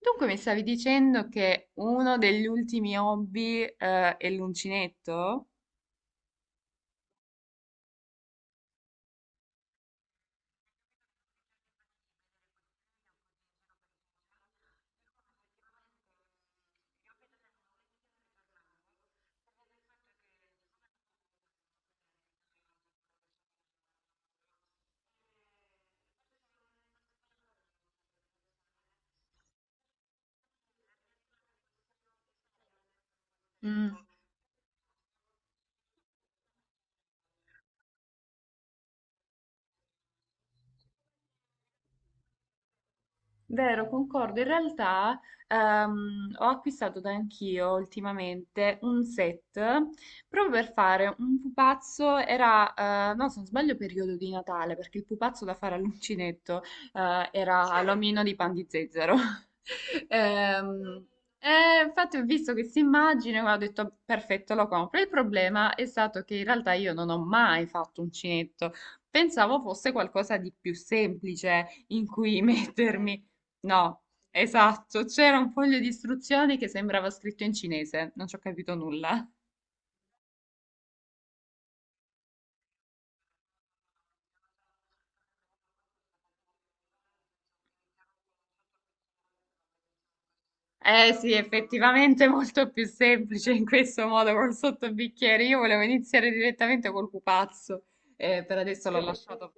Dunque mi stavi dicendo che uno degli ultimi hobby, è l'uncinetto? Mm. Vero, concordo. In realtà ho acquistato da anch'io ultimamente un set proprio per fare un pupazzo. Era, no, se non sbaglio, periodo di Natale, perché il pupazzo da fare all'uncinetto era l'omino di pan di zezzero. Ehm, e infatti ho visto questa immagine e ho detto perfetto, lo compro. Il problema è stato che in realtà io non ho mai fatto uncinetto. Pensavo fosse qualcosa di più semplice in cui mettermi. No, esatto, c'era un foglio di istruzioni che sembrava scritto in cinese, non ci ho capito nulla. Eh sì, effettivamente è molto più semplice in questo modo col sottobicchiere. Io volevo iniziare direttamente col pupazzo, per adesso l'ho lasciato.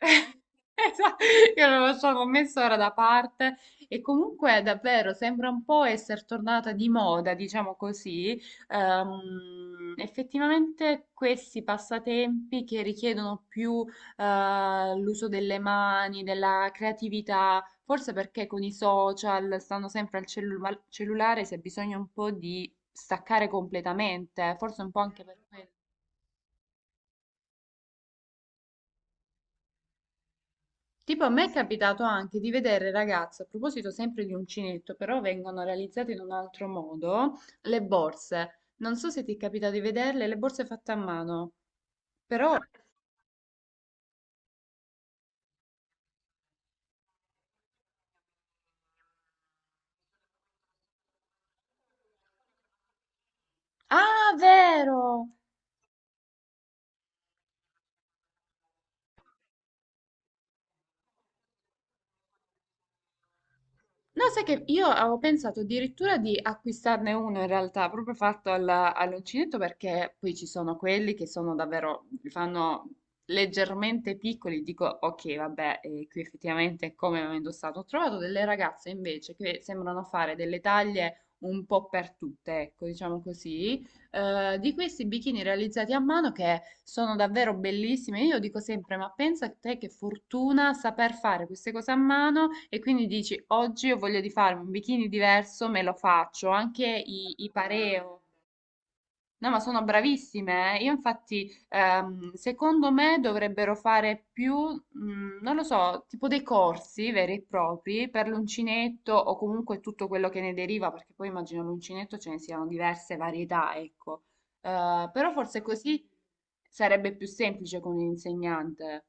Esa- Io non lo so, l'ho messo ora da parte e comunque davvero sembra un po' essere tornata di moda, diciamo così. Effettivamente questi passatempi che richiedono più l'uso delle mani, della creatività, forse perché con i social stanno sempre al cellulare, si ha bisogno un po' di staccare completamente, forse un po' anche per quello. Tipo, a me è capitato anche di vedere ragazze, a proposito sempre di uncinetto, però vengono realizzate in un altro modo, le borse. Non so se ti è capitato di vederle, le borse fatte a mano, però... Ah, vero! No, sai che io avevo pensato addirittura di acquistarne uno in realtà, proprio fatto all'uncinetto, perché poi ci sono quelli che sono davvero, li fanno leggermente piccoli, dico ok, vabbè, qui effettivamente come ho indossato. Ho trovato delle ragazze invece che sembrano fare delle taglie un po' per tutte, ecco, diciamo così, di questi bikini realizzati a mano che sono davvero bellissimi. Io dico sempre, ma pensa a te che fortuna saper fare queste cose a mano e quindi dici, oggi ho voglia di farmi un bikini diverso, me lo faccio, anche i pareo. No, ma sono bravissime. Eh. Io infatti, secondo me dovrebbero fare più, mm, non lo so, tipo dei corsi veri e propri per l'uncinetto o comunque tutto quello che ne deriva, perché poi immagino l'uncinetto ce ne siano diverse varietà, ecco. Però forse così sarebbe più semplice con l'insegnante.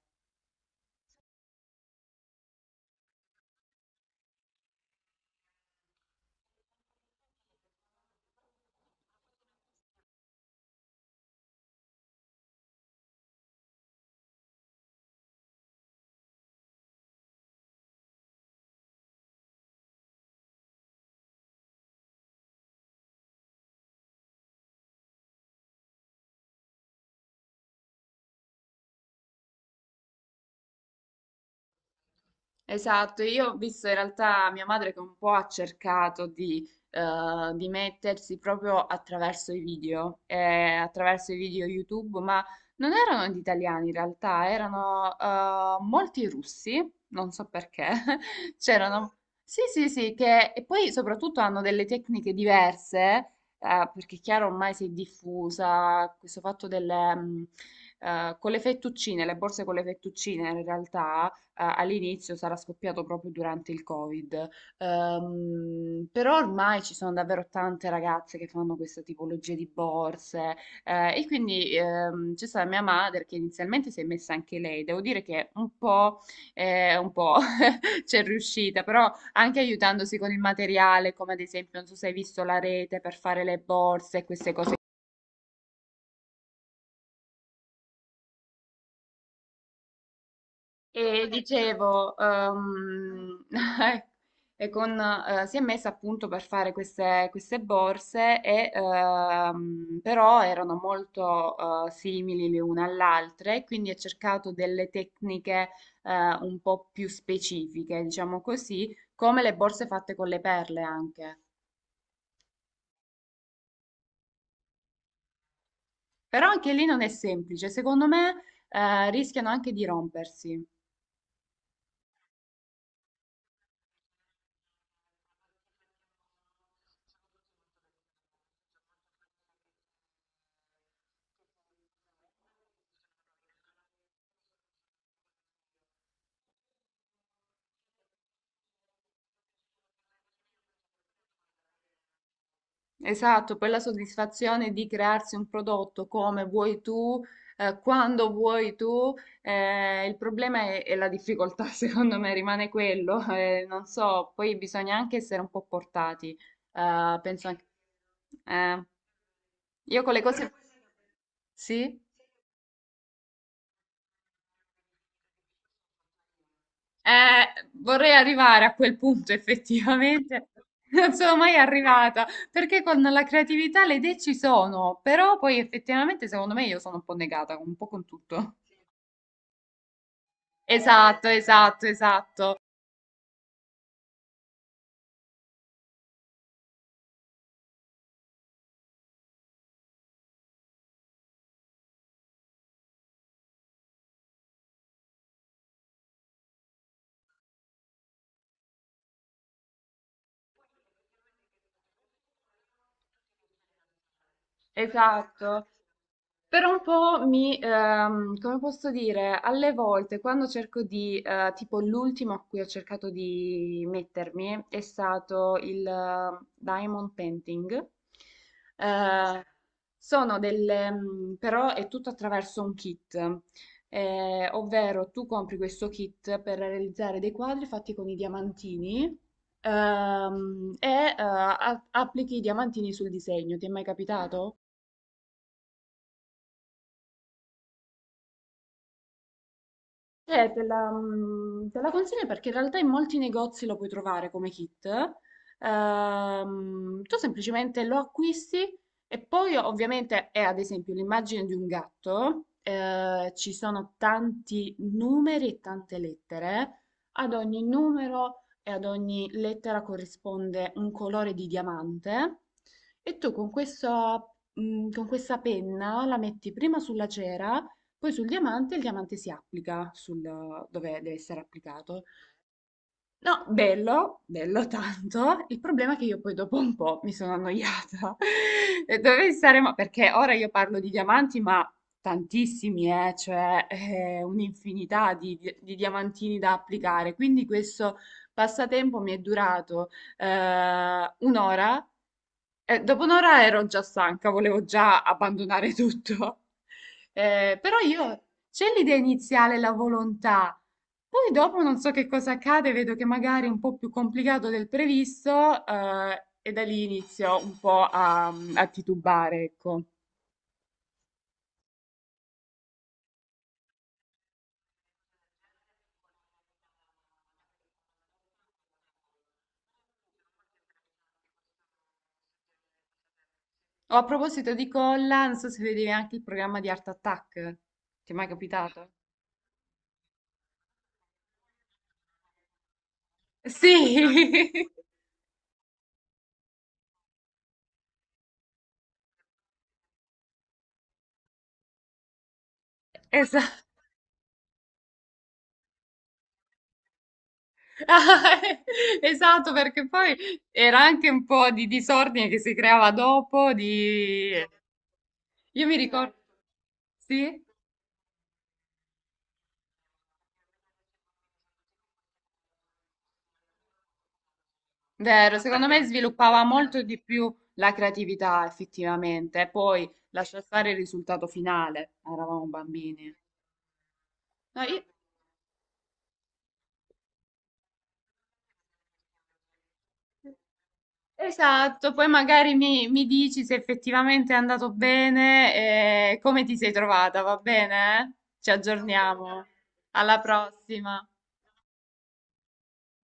Esatto, io ho visto in realtà mia madre che un po' ha cercato di mettersi proprio attraverso i video YouTube, ma non erano gli italiani in realtà, erano molti russi, non so perché, c'erano... Sì, sì, sì, che e poi soprattutto hanno delle tecniche diverse, perché è chiaro ormai si è diffusa questo fatto delle... con le fettuccine, le borse con le fettuccine in realtà all'inizio sarà scoppiato proprio durante il Covid. Però ormai ci sono davvero tante ragazze che fanno questa tipologia di borse e quindi c'è stata mia madre che inizialmente si è messa anche lei. Devo dire che un po' c'è riuscita, però anche aiutandosi con il materiale, come ad esempio, non so se hai visto la rete per fare le borse e queste cose. E dicevo, e con, si è messa appunto per fare queste borse, e, però erano molto simili le une all'altra, e quindi ha cercato delle tecniche eh, un po' più specifiche, diciamo così, come le borse fatte con le perle anche. Però anche lì non è semplice, secondo me rischiano anche di rompersi. Esatto, per la soddisfazione di crearsi un prodotto come vuoi tu, quando vuoi tu, il problema è la difficoltà, secondo me rimane quello, non so, poi bisogna anche essere un po' portati, penso anche... eh, io con le cose... Sì? Eh, vorrei arrivare a quel punto effettivamente. Non sono mai arrivata perché con la creatività le idee ci sono, però poi effettivamente secondo me io sono un po' negata, un po' con tutto. Esatto, esatto, esatto, esatto. Però un po' mi, come posso dire, alle volte quando cerco di, tipo l'ultimo a cui ho cercato di mettermi è stato il diamond painting. Eh, sono delle, mm, però è tutto attraverso un kit, ovvero tu compri questo kit per realizzare dei quadri fatti con i diamantini. ehm, e Applichi i diamantini sul disegno, ti è mai capitato? Te te la consiglio perché in realtà in molti negozi lo puoi trovare come kit. Tu semplicemente lo acquisti e poi ovviamente è ad esempio l'immagine di un gatto, ci sono tanti numeri e tante lettere, ad ogni numero e ad ogni lettera corrisponde un colore di diamante e tu con questo, con questa penna la metti prima sulla cera poi sul diamante, il diamante si applica sul, dove deve essere applicato. No, bello, bello tanto. Il problema è che io poi dopo un po' mi sono annoiata. E dove saremo? Perché ora io parlo di diamanti, ma tantissimi, cioè un'infinità di, di diamantini da applicare. Quindi questo passatempo mi è durato un'ora dopo un'ora ero già stanca, volevo già abbandonare tutto. Però io c'è l'idea iniziale, la volontà. Poi dopo non so che cosa accade, vedo che magari è un po' più complicato del previsto, e da lì inizio un po' a, a titubare, ecco. Oh, a proposito di colla, non so se vedevi anche il programma di Art Attack. Ti è mai capitato? Sì, esatto. Ah, esatto, perché poi era anche un po' di disordine che si creava dopo, di... Io mi ricordo... Sì, vero, secondo me sviluppava molto di più la creatività, effettivamente. Poi lascia stare il risultato finale, eravamo bambini. No, io- esatto, poi magari mi, mi dici se effettivamente è andato bene e come ti sei trovata, va bene? Ci aggiorniamo. Alla prossima.